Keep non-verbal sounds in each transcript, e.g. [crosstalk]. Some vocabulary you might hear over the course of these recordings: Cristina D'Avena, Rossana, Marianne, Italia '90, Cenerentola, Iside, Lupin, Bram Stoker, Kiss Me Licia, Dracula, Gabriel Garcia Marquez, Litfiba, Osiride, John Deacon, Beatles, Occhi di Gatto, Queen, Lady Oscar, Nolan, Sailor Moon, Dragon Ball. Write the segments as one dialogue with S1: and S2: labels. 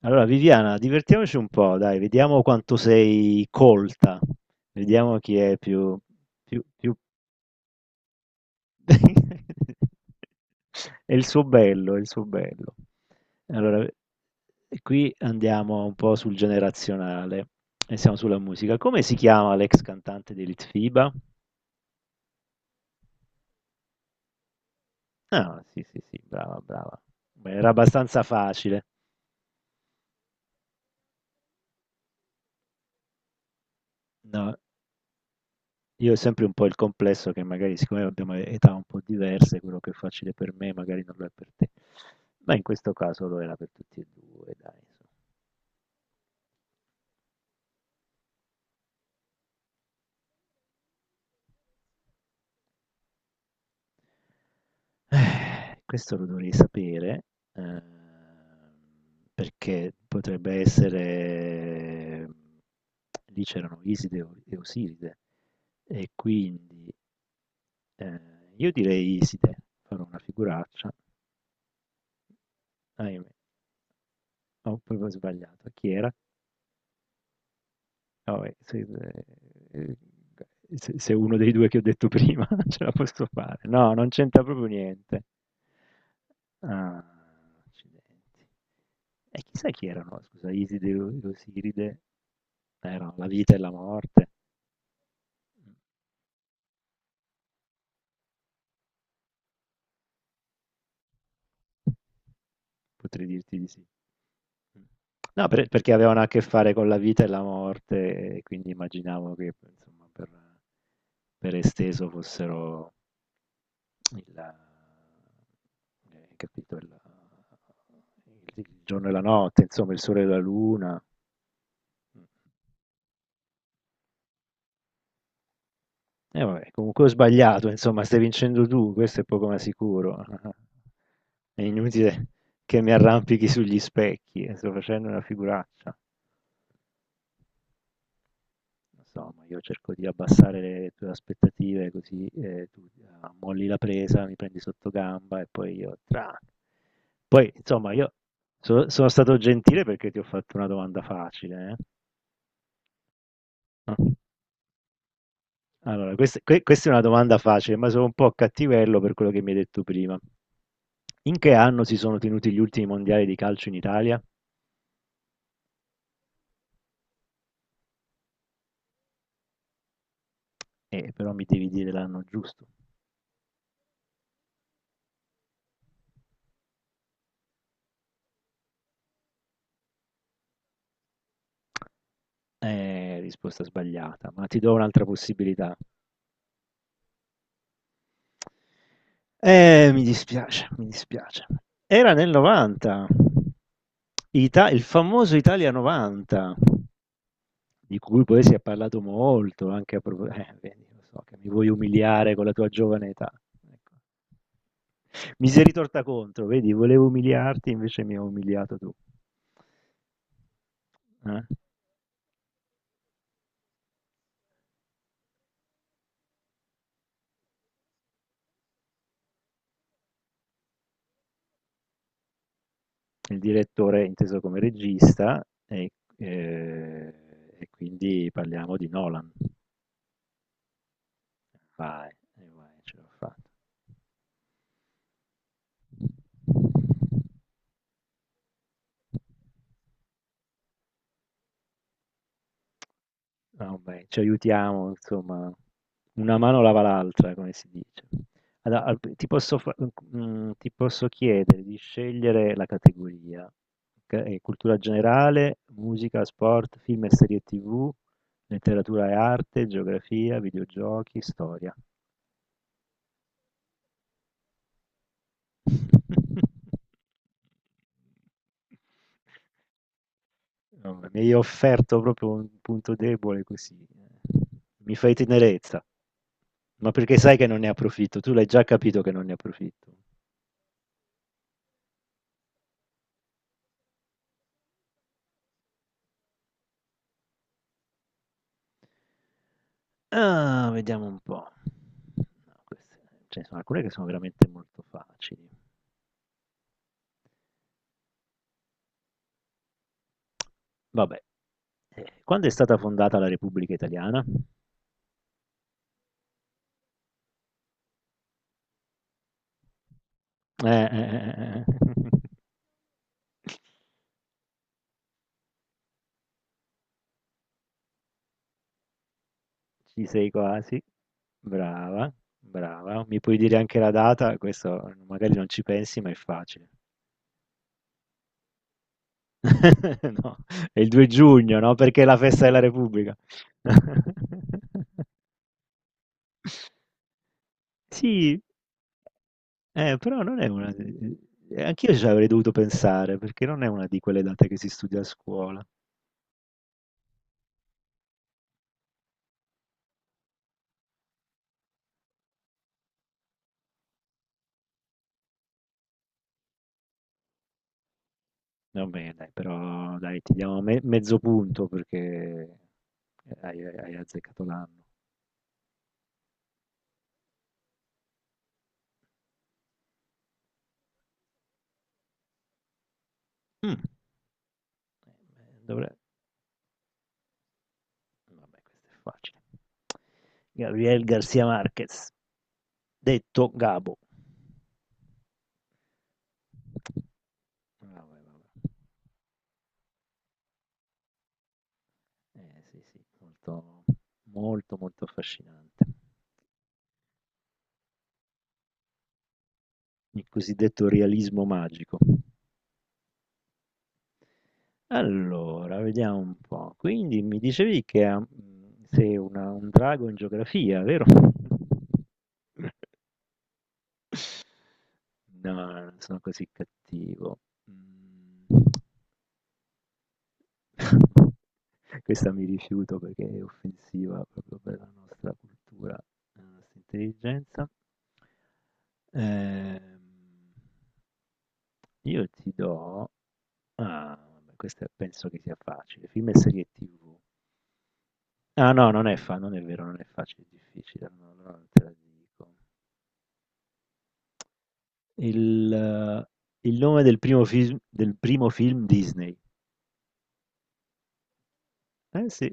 S1: Allora, Viviana, divertiamoci un po', dai, vediamo quanto sei colta, vediamo chi è più. [laughs] È il suo bello, è il suo bello. Allora, qui andiamo un po' sul generazionale e siamo sulla musica. Come si chiama l'ex cantante di Litfiba? Ah, sì, sì, sì, brava, brava. Beh, era abbastanza facile. No. Io ho sempre un po' il complesso che magari siccome abbiamo età un po' diverse, quello che è facile per me magari non lo è per te. Ma in questo caso lo era per tutti e due, dai, insomma. Questo lo dovrei sapere, ehm, perché potrebbe essere. Lì c'erano Iside e Osiride, e quindi eh, io direi Iside, farò una figuraccia. Ahimè, ho proprio sbagliato. Chi era? No, beh, ehm, se uno dei 2 che ho detto prima [laughs] ce la posso fare. No, non c'entra proprio niente. Ah, accidenti. E chissà chi erano, scusa, Iside e e Osiride? Erano la vita e la morte. Mm. Potrei dirti di sì. Mm. No, perché avevano a che fare con la vita e la morte, e quindi immaginavo che, insomma, per esteso fossero il, capito, il giorno e la notte, insomma, il sole e la luna. Mh. Eh vabbè, comunque ho sbagliato, insomma, stai vincendo tu, questo è poco ma sicuro. [laughs] È inutile che mi arrampichi sugli specchi, sto facendo una figuraccia. Lo so, ma io cerco di abbassare le tue aspettative così tu molli la presa, mi prendi sotto gamba e poi io tra. Poi, insomma, io sono stato gentile perché ti ho fatto una domanda facile. Eh. No? Allora, questa è una domanda facile, ma sono un po' cattivello per quello che mi hai detto prima. In che anno si sono tenuti gli ultimi mondiali di calcio in Italia? Però mi devi dire l'anno giusto. Risposta sbagliata, ma ti do un'altra possibilità. Mi dispiace, mi dispiace. Era nel '90. Ita il famoso Italia '90, di cui poi si è parlato molto anche a propo vedi, lo so che mi vuoi umiliare con la tua giovane età. Ecco. Mi sei ritorta contro, vedi, volevo umiliarti, invece mi hai umiliato tu. Eh? Il direttore è inteso come regista ehm, e quindi parliamo di Nolan. Vai, e vai, ce l'ho fatta. Vabbè, ci aiutiamo, insomma, una mano lava l'altra, come si dice. Allora, ti posso chiedere di scegliere la categoria, ok? Cultura generale, musica, sport, film e serie TV, letteratura e arte, geografia, videogiochi, storia. [laughs] No, mi hai offerto proprio un punto debole così. Eh. Mi fai tenerezza. Ma perché sai che non ne approfitto, tu l'hai già capito che non ne approfitto. Ah, vediamo un po'. No, queste- Ce ne sono alcune che sono veramente molto facili. Vabbè, quando è stata fondata la Repubblica Italiana? Eh, eh, eh, eh, [laughs] eh. Ci sei quasi. Brava, brava. Mi puoi dire anche la data? Questo magari non ci pensi, ma è facile. [laughs] No, è il 2 giugno, no? Perché è la festa della Repubblica. [laughs] Sì, però non è una. Anch'io ci avrei dovuto pensare, perché non è una di quelle date che si studia a scuola. Vabbè, dai, però dai, ti diamo mezzo punto perché hai azzeccato l'anno. Mm. Dovre- Vabbè, questo è facile. Gabriel Garcia Marquez, detto Gabo. Vabbè, vabbè. Sì, sì, molto, molto, molto affascinante. Il cosiddetto realismo magico. Allora, vediamo un po'. Quindi mi dicevi che sei un drago in geografia, vero? [laughs] No, non sono così cattivo. Mm. [laughs] Questa mi rifiuto perché è offensiva proprio per la nostra cultura, la nostra intelligenza. Ehm, io ti do. Ah, vabbè, questa penso che sia facile. Film e serie TV. Ah no, non è vero, non è facile, è difficile, no, allora non te la dico. Il nome del primo film, Disney. Eh sì.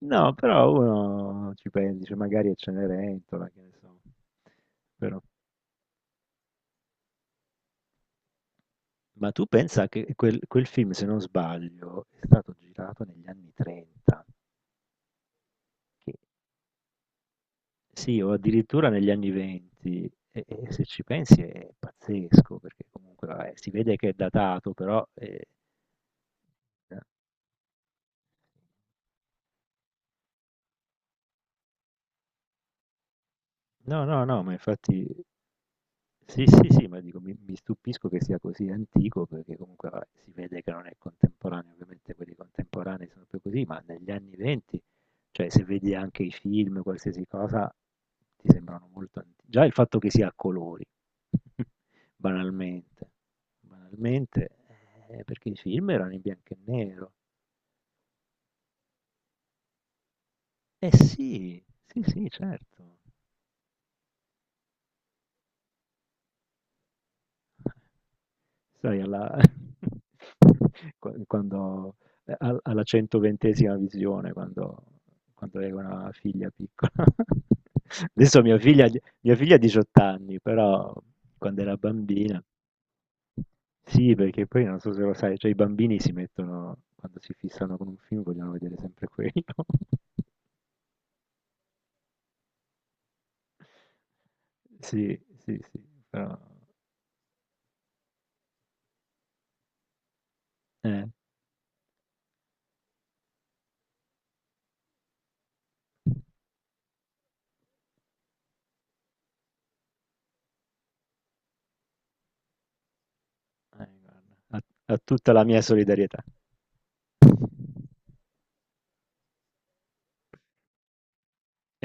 S1: No, però uno ci pensa, dice magari è Cenerentola, che ne so. Però- ma tu pensa che quel film, se non sbaglio, è stato girato negli anni 30, che- sì, o addirittura negli anni 20, e se ci pensi è pazzesco, perché comunque vabbè, si vede che è datato, però. No, no, no, ma infatti sì, sì, sì, ma dico, mi stupisco che sia così antico perché comunque vabbè, si vede che non è contemporaneo, ovviamente quelli contemporanei sono più così, ma negli anni venti, cioè se vedi anche i film, qualsiasi cosa, ti sembrano molto antichi. Già il fatto che sia a colori, [laughs] banalmente, banalmente, perché i film erano in bianco e nero. Eh sì, sì, sì, certo. Sai alla [laughs] quan quando al alla 120ª visione, quando avevo una figlia piccola. [laughs] Adesso mia figlia ha 18 anni, però quando era bambina sì, perché poi non so se lo sai, cioè i bambini si mettono quando si fissano con un film vogliono vedere sempre quello. [laughs] Sì, sì, sì, però eh, guarda, ha ha tutta la mia solidarietà.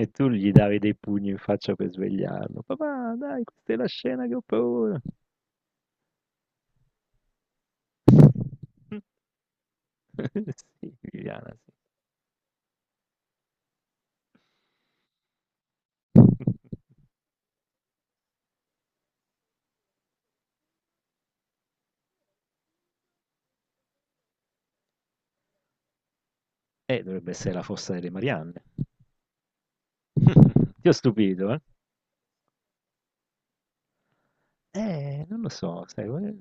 S1: E tu gli davi dei pugni in faccia per svegliarlo. Papà, dai, questa è la scena che ho paura. [laughs] Sì, Viviana, sì. Dovrebbe essere la fossa delle Marianne. [laughs] Ti ho stupito, eh? Non lo so, sai,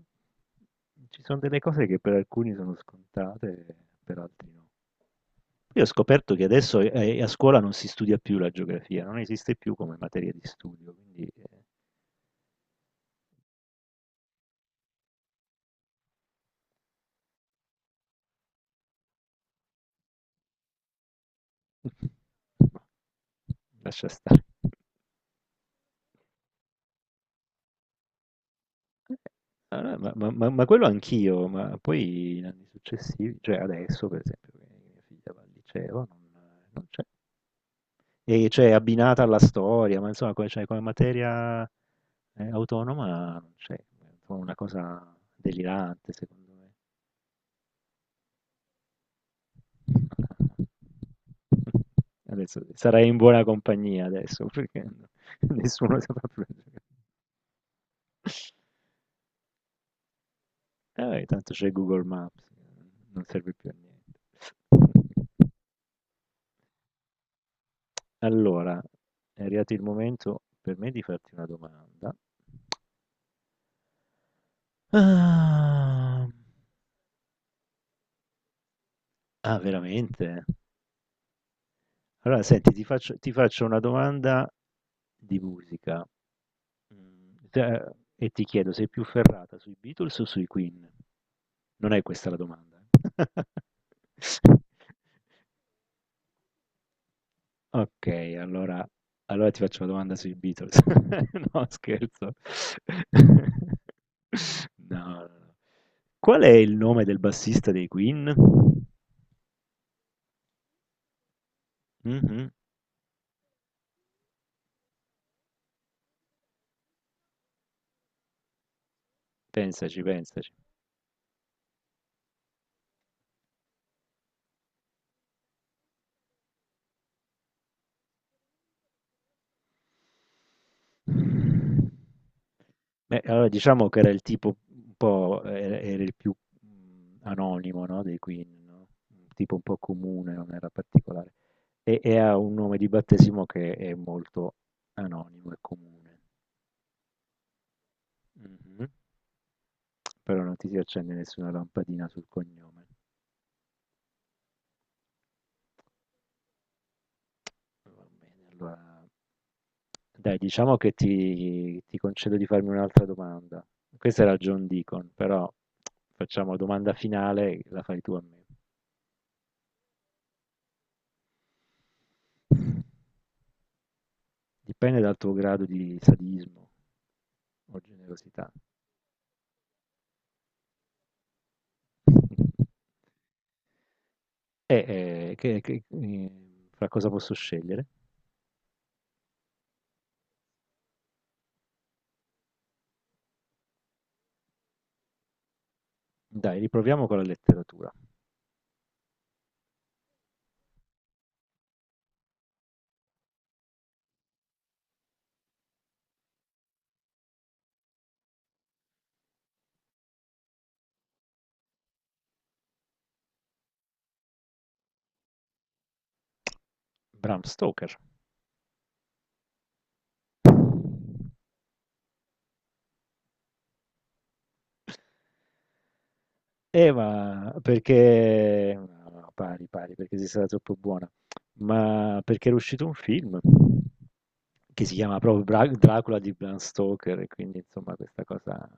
S1: ci sono delle cose che per alcuni sono scontate, per altri no. Io ho scoperto che adesso a scuola non si studia più la geografia, non esiste più come materia di studio, quindi [laughs] lascia stare. Allora, ma quello anch'io, ma poi in anni successivi, cioè adesso per esempio, che mia figlia va al liceo, non c'è. E c'è abbinata alla storia, ma insomma, cioè, come materia autonoma non c'è. È un po' una cosa delirante, secondo me. [laughs] Adesso sarai in buona compagnia adesso, perché [laughs] nessuno sa proprio. Tanto c'è Google Maps, non serve più a niente. Allora, è arrivato il momento per me di farti una domanda. Ah, ah, veramente? Allora, senti, ti faccio una domanda di musica. E ti chiedo, sei più ferrata sui Beatles o sui Queen? Non è questa la domanda. Eh. [laughs] Okay, allora ti faccio una domanda sui Beatles. [laughs] No, scherzo. [laughs] No, no, no. Qual è il nome del bassista dei Queen? Mh-mh. Pensaci, pensaci. Beh, allora diciamo che era il tipo un po' era il più, anonimo, no, dei Queen, no, un tipo un po' comune, non era particolare. E ha un nome di battesimo che è molto anonimo e comune. Mh-mh. Però non ti si accende nessuna lampadina sul cognome. Va bene, allora dai, diciamo che ti concedo di farmi un'altra domanda. Questa era John Deacon, però facciamo domanda finale, la fai tu a me. Dipende dal tuo grado di sadismo o generosità. E eh, che- che- eh, fra cosa posso scegliere? Dai, riproviamo con la letteratura. Bram Stoker. Ma perché no, no, pari, pari, perché sei stata troppo buona. Ma perché era uscito un film che si chiama proprio Dracula di Bram Stoker, e quindi insomma questa cosa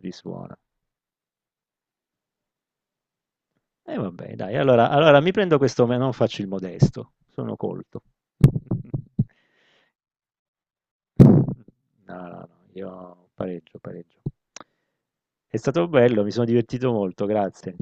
S1: risuona. E vabbè, dai, allora mi prendo questo, ma non faccio il modesto, sono colto. [laughs] No, no, no, io pareggio, pareggio. È stato bello, mi sono divertito molto, grazie.